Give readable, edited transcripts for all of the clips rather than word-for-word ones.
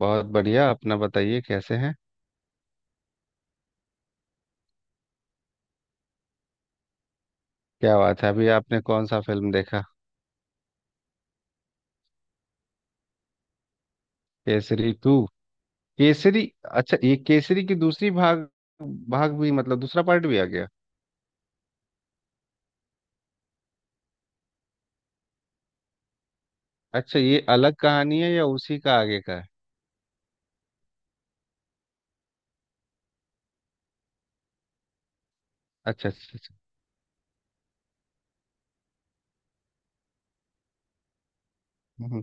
बहुत बढ़िया। अपना बताइए कैसे हैं। क्या बात है, अभी आपने कौन सा फिल्म देखा? केसरी टू। केसरी। अच्छा, ये केसरी की दूसरी भाग, भाग भी मतलब दूसरा पार्ट भी आ गया? अच्छा, ये अलग कहानी है या उसी का आगे का है? अच्छा अच्छा अच्छा। हम्म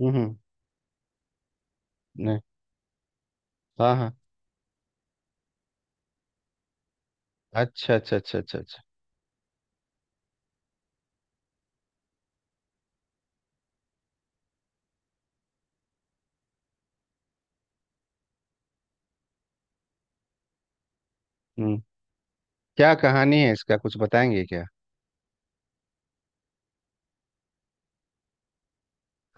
हम्म। नहीं। हाँ हाँ। अच्छा अच्छा अच्छा अच्छा अच्छा। हम्म। क्या कहानी है, इसका कुछ बताएंगे क्या?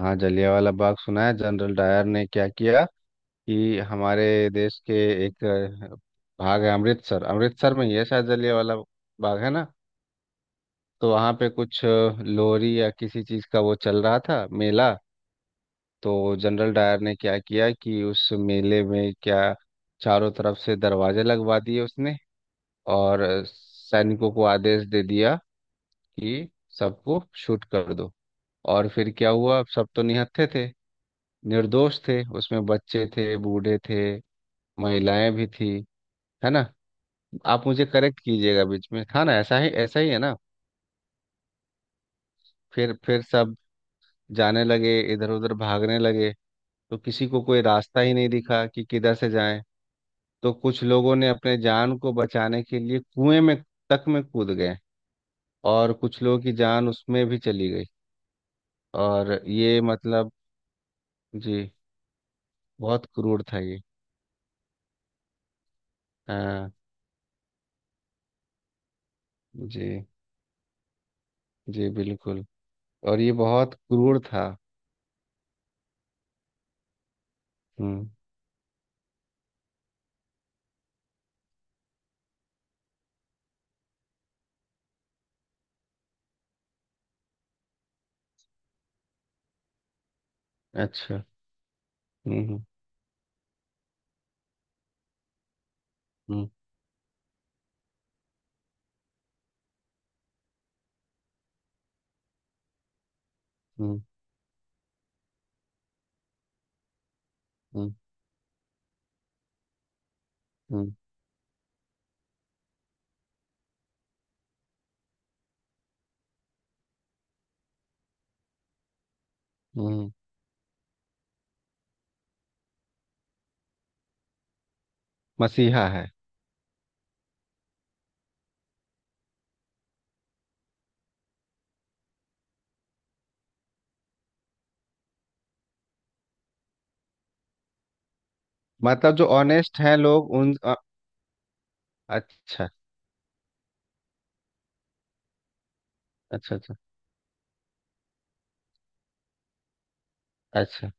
हाँ, जलियांवाला बाग सुना है। जनरल डायर ने क्या किया कि हमारे देश के एक भाग है अमृतसर, अमृतसर में ही है शायद जलियांवाला बाग है ना। तो वहाँ पे कुछ लोहरी या किसी चीज़ का वो चल रहा था मेला। तो जनरल डायर ने क्या किया कि उस मेले में क्या, चारों तरफ से दरवाजे लगवा दिए उसने, और सैनिकों को आदेश दे दिया कि सबको शूट कर दो। और फिर क्या हुआ, सब तो निहत्थे थे, निर्दोष थे। उसमें बच्चे थे, बूढ़े थे, महिलाएं भी थी। है ना? आप मुझे करेक्ट कीजिएगा बीच में। हाँ ना, ऐसा ही है ना? फिर सब जाने लगे, इधर उधर भागने लगे। तो किसी को कोई रास्ता ही नहीं दिखा कि किधर से जाएं। तो कुछ लोगों ने अपने जान को बचाने के लिए कुएं में तक में कूद गए, और कुछ लोगों की जान उसमें भी चली गई। और ये मतलब, जी, बहुत क्रूर था ये। हाँ जी। जी बिल्कुल। और ये बहुत क्रूर था। हम्म। अच्छा। हम्म हम्म हम्म हम्म हम्म हम्म हम्म। मसीहा है। मतलब जो ऑनेस्ट हैं लोग, अच्छा अच्छा अच्छा अच्छा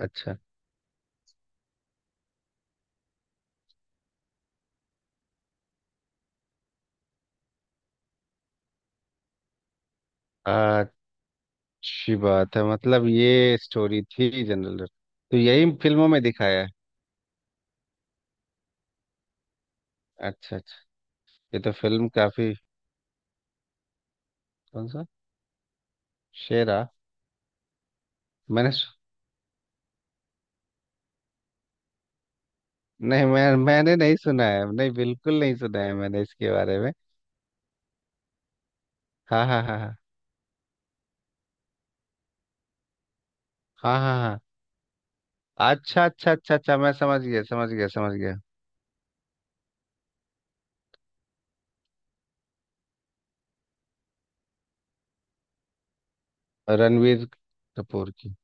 अच्छा। अच्छी बात है। मतलब ये स्टोरी थी जनरल, तो यही फिल्मों में दिखाया है। अच्छा अच्छा। ये तो फिल्म काफी। कौन सा? शेरा? मैंने सु- नहीं, मैंने नहीं सुना है, नहीं, बिल्कुल नहीं सुना है मैंने इसके बारे में। हाँ हाँ हाँ हाँ हाँ हाँ हाँ। अच्छा अच्छा अच्छा अच्छा, मैं समझ गया समझ गया समझ गया। रणवीर कपूर की।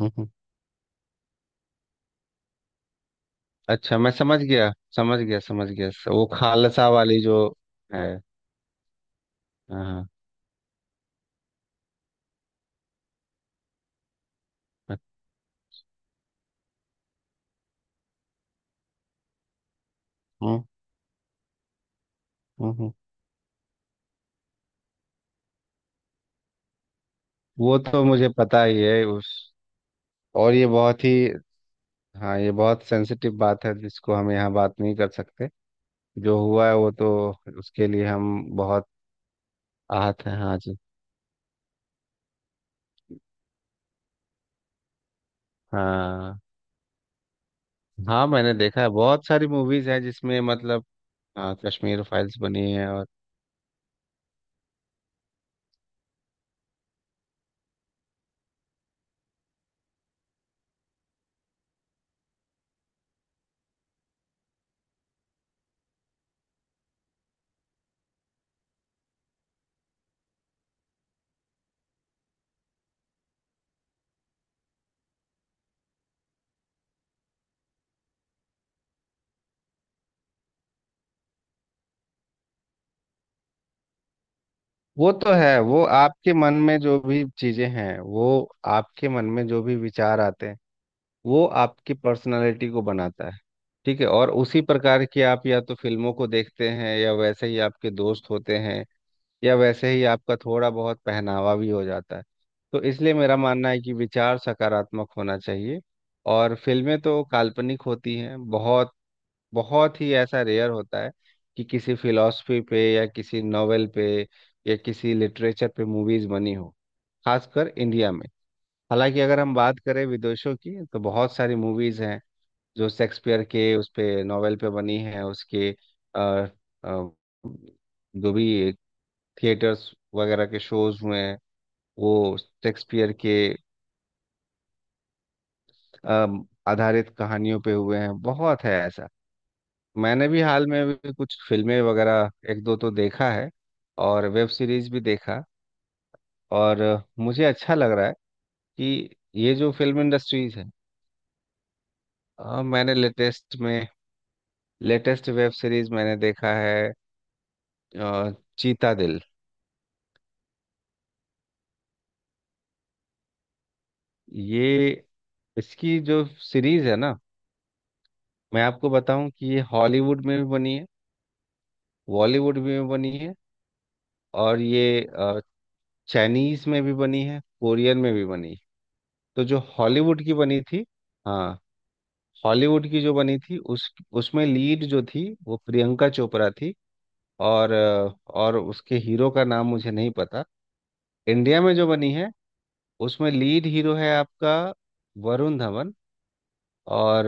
हम्म, हम्म। अच्छा, मैं समझ गया समझ गया समझ गया, वो खालसा वाली जो है। हाँ हाँ। हम्म, हम्म, हम्म। वो तो मुझे पता ही है उस। और ये बहुत ही, हाँ, ये बहुत सेंसिटिव बात है जिसको हम यहाँ बात नहीं कर सकते। जो हुआ है वो तो, उसके लिए हम बहुत आहत हैं। हाँ जी। हाँ हाँ, मैंने देखा है, बहुत सारी मूवीज हैं जिसमें मतलब। हाँ, कश्मीर फाइल्स बनी है, और वो तो है। वो आपके मन में जो भी चीजें हैं, वो आपके मन में जो भी विचार आते हैं, वो आपकी पर्सनालिटी को बनाता है। ठीक है? और उसी प्रकार की आप या तो फिल्मों को देखते हैं, या वैसे ही आपके दोस्त होते हैं, या वैसे ही आपका थोड़ा बहुत पहनावा भी हो जाता है। तो इसलिए मेरा मानना है कि विचार सकारात्मक होना चाहिए। और फिल्में तो काल्पनिक होती हैं बहुत। बहुत ही ऐसा रेयर होता है कि किसी फिलॉसफी पे, या किसी नॉवेल पे, या किसी लिटरेचर पे मूवीज बनी हो, खासकर इंडिया में। हालांकि अगर हम बात करें विदेशों की, तो बहुत सारी मूवीज हैं जो शेक्सपियर के उस पे नॉवेल पे बनी है। उसके अ, अ, जो भी थिएटर्स वगैरह के शोज हुए हैं, वो शेक्सपियर के आधारित कहानियों पे हुए हैं। बहुत है ऐसा। मैंने भी हाल में भी कुछ फिल्में वगैरह एक दो तो देखा है, और वेब सीरीज भी देखा। और मुझे अच्छा लग रहा है कि ये जो फिल्म इंडस्ट्रीज है। मैंने लेटेस्ट में, लेटेस्ट वेब सीरीज मैंने देखा है अ, चीता दिल। ये, इसकी जो सीरीज है ना, मैं आपको बताऊं कि ये हॉलीवुड में भी बनी है, बॉलीवुड में भी बनी है, और ये चाइनीज में भी बनी है, कोरियन में भी बनी है। तो जो हॉलीवुड की बनी थी, हाँ, हॉलीवुड की जो बनी थी, उस उसमें लीड जो थी वो प्रियंका चोपड़ा थी, और और उसके हीरो का नाम मुझे नहीं पता। इंडिया में जो बनी है, उसमें लीड हीरो है आपका वरुण धवन, और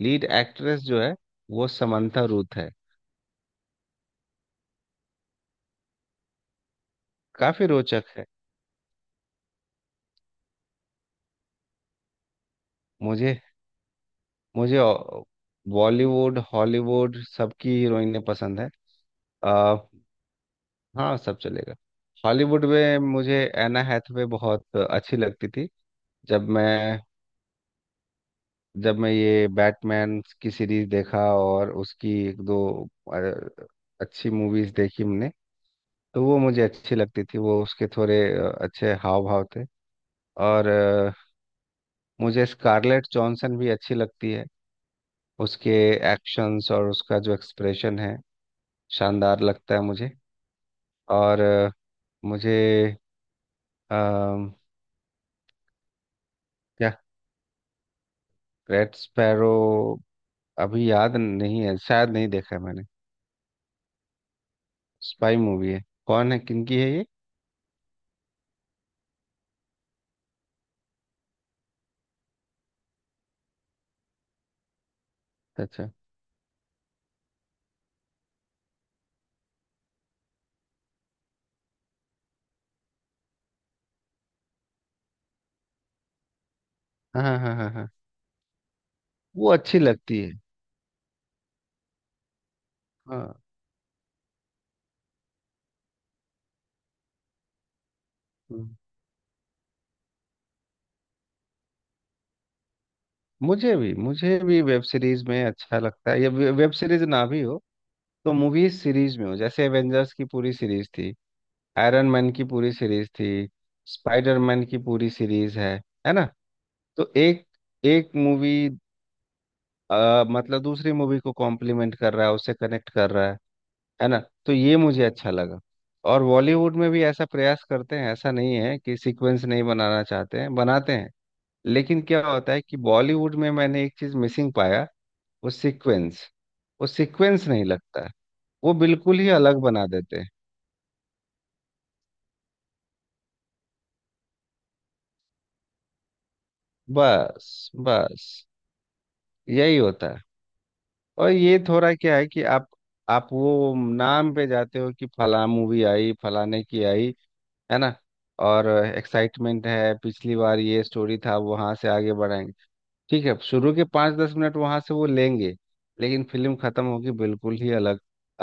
लीड एक्ट्रेस जो है वो समंथा रूथ है। काफी रोचक है। मुझे मुझे बॉलीवुड हॉलीवुड सबकी हीरोइनें पसंद है। आ, हाँ, सब चलेगा। हॉलीवुड में मुझे एना हैथवे बहुत अच्छी लगती थी। जब मैं, जब मैं ये बैटमैन की सीरीज देखा और उसकी एक दो अ, अच्छी मूवीज देखी हमने, तो वो मुझे अच्छी लगती थी। वो उसके थोड़े अच्छे हाव भाव थे। और मुझे स्कारलेट जॉनसन भी अच्छी लगती है। उसके एक्शंस और उसका जो एक्सप्रेशन है, शानदार लगता है मुझे। और मुझे अम, क्या? Red sparrow? अभी याद नहीं है, शायद नहीं देखा है मैंने। स्पाई मूवी है? कौन है, किनकी है ये? अच्छा। हाँ हाँ हाँ हाँ हाँ। वो अच्छी लगती है। हाँ। हम्म। मुझे भी, मुझे भी वेब सीरीज में अच्छा लगता है। ये वेब सीरीज ना भी हो तो मूवी सीरीज में हो, जैसे एवेंजर्स की पूरी सीरीज थी, आयरन मैन की पूरी सीरीज थी, स्पाइडरमैन की पूरी सीरीज है। है ना? तो एक एक मूवी मतलब दूसरी मूवी को कॉम्प्लीमेंट कर रहा है, उससे कनेक्ट कर रहा है। है ना? तो ये मुझे अच्छा लगा। और बॉलीवुड में भी ऐसा प्रयास करते हैं, ऐसा नहीं है कि सीक्वेंस नहीं बनाना चाहते हैं, बनाते हैं। लेकिन क्या होता है कि बॉलीवुड में मैंने एक चीज मिसिंग पाया। वो सीक्वेंस, वो सीक्वेंस नहीं लगता है। वो बिल्कुल ही अलग बना देते हैं। बस बस यही होता है। और ये थोड़ा क्या है कि आप वो नाम पे जाते हो कि फला मूवी आई, फलाने की आई। है ना? और एक्साइटमेंट है, पिछली बार ये स्टोरी था, वहां से आगे बढ़ाएंगे, ठीक है, शुरू के 5 10 मिनट वहां से वो लेंगे, लेकिन फिल्म खत्म होगी बिल्कुल ही अलग,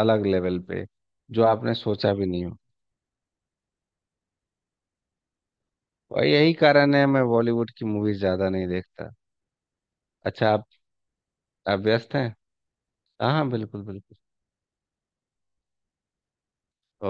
अलग लेवल पे, जो आपने सोचा भी नहीं हो। और यही कारण है मैं बॉलीवुड की मूवीज ज्यादा नहीं देखता। अच्छा, आप व्यस्त हैं? हाँ हाँ, बिल्कुल बिल्कुल।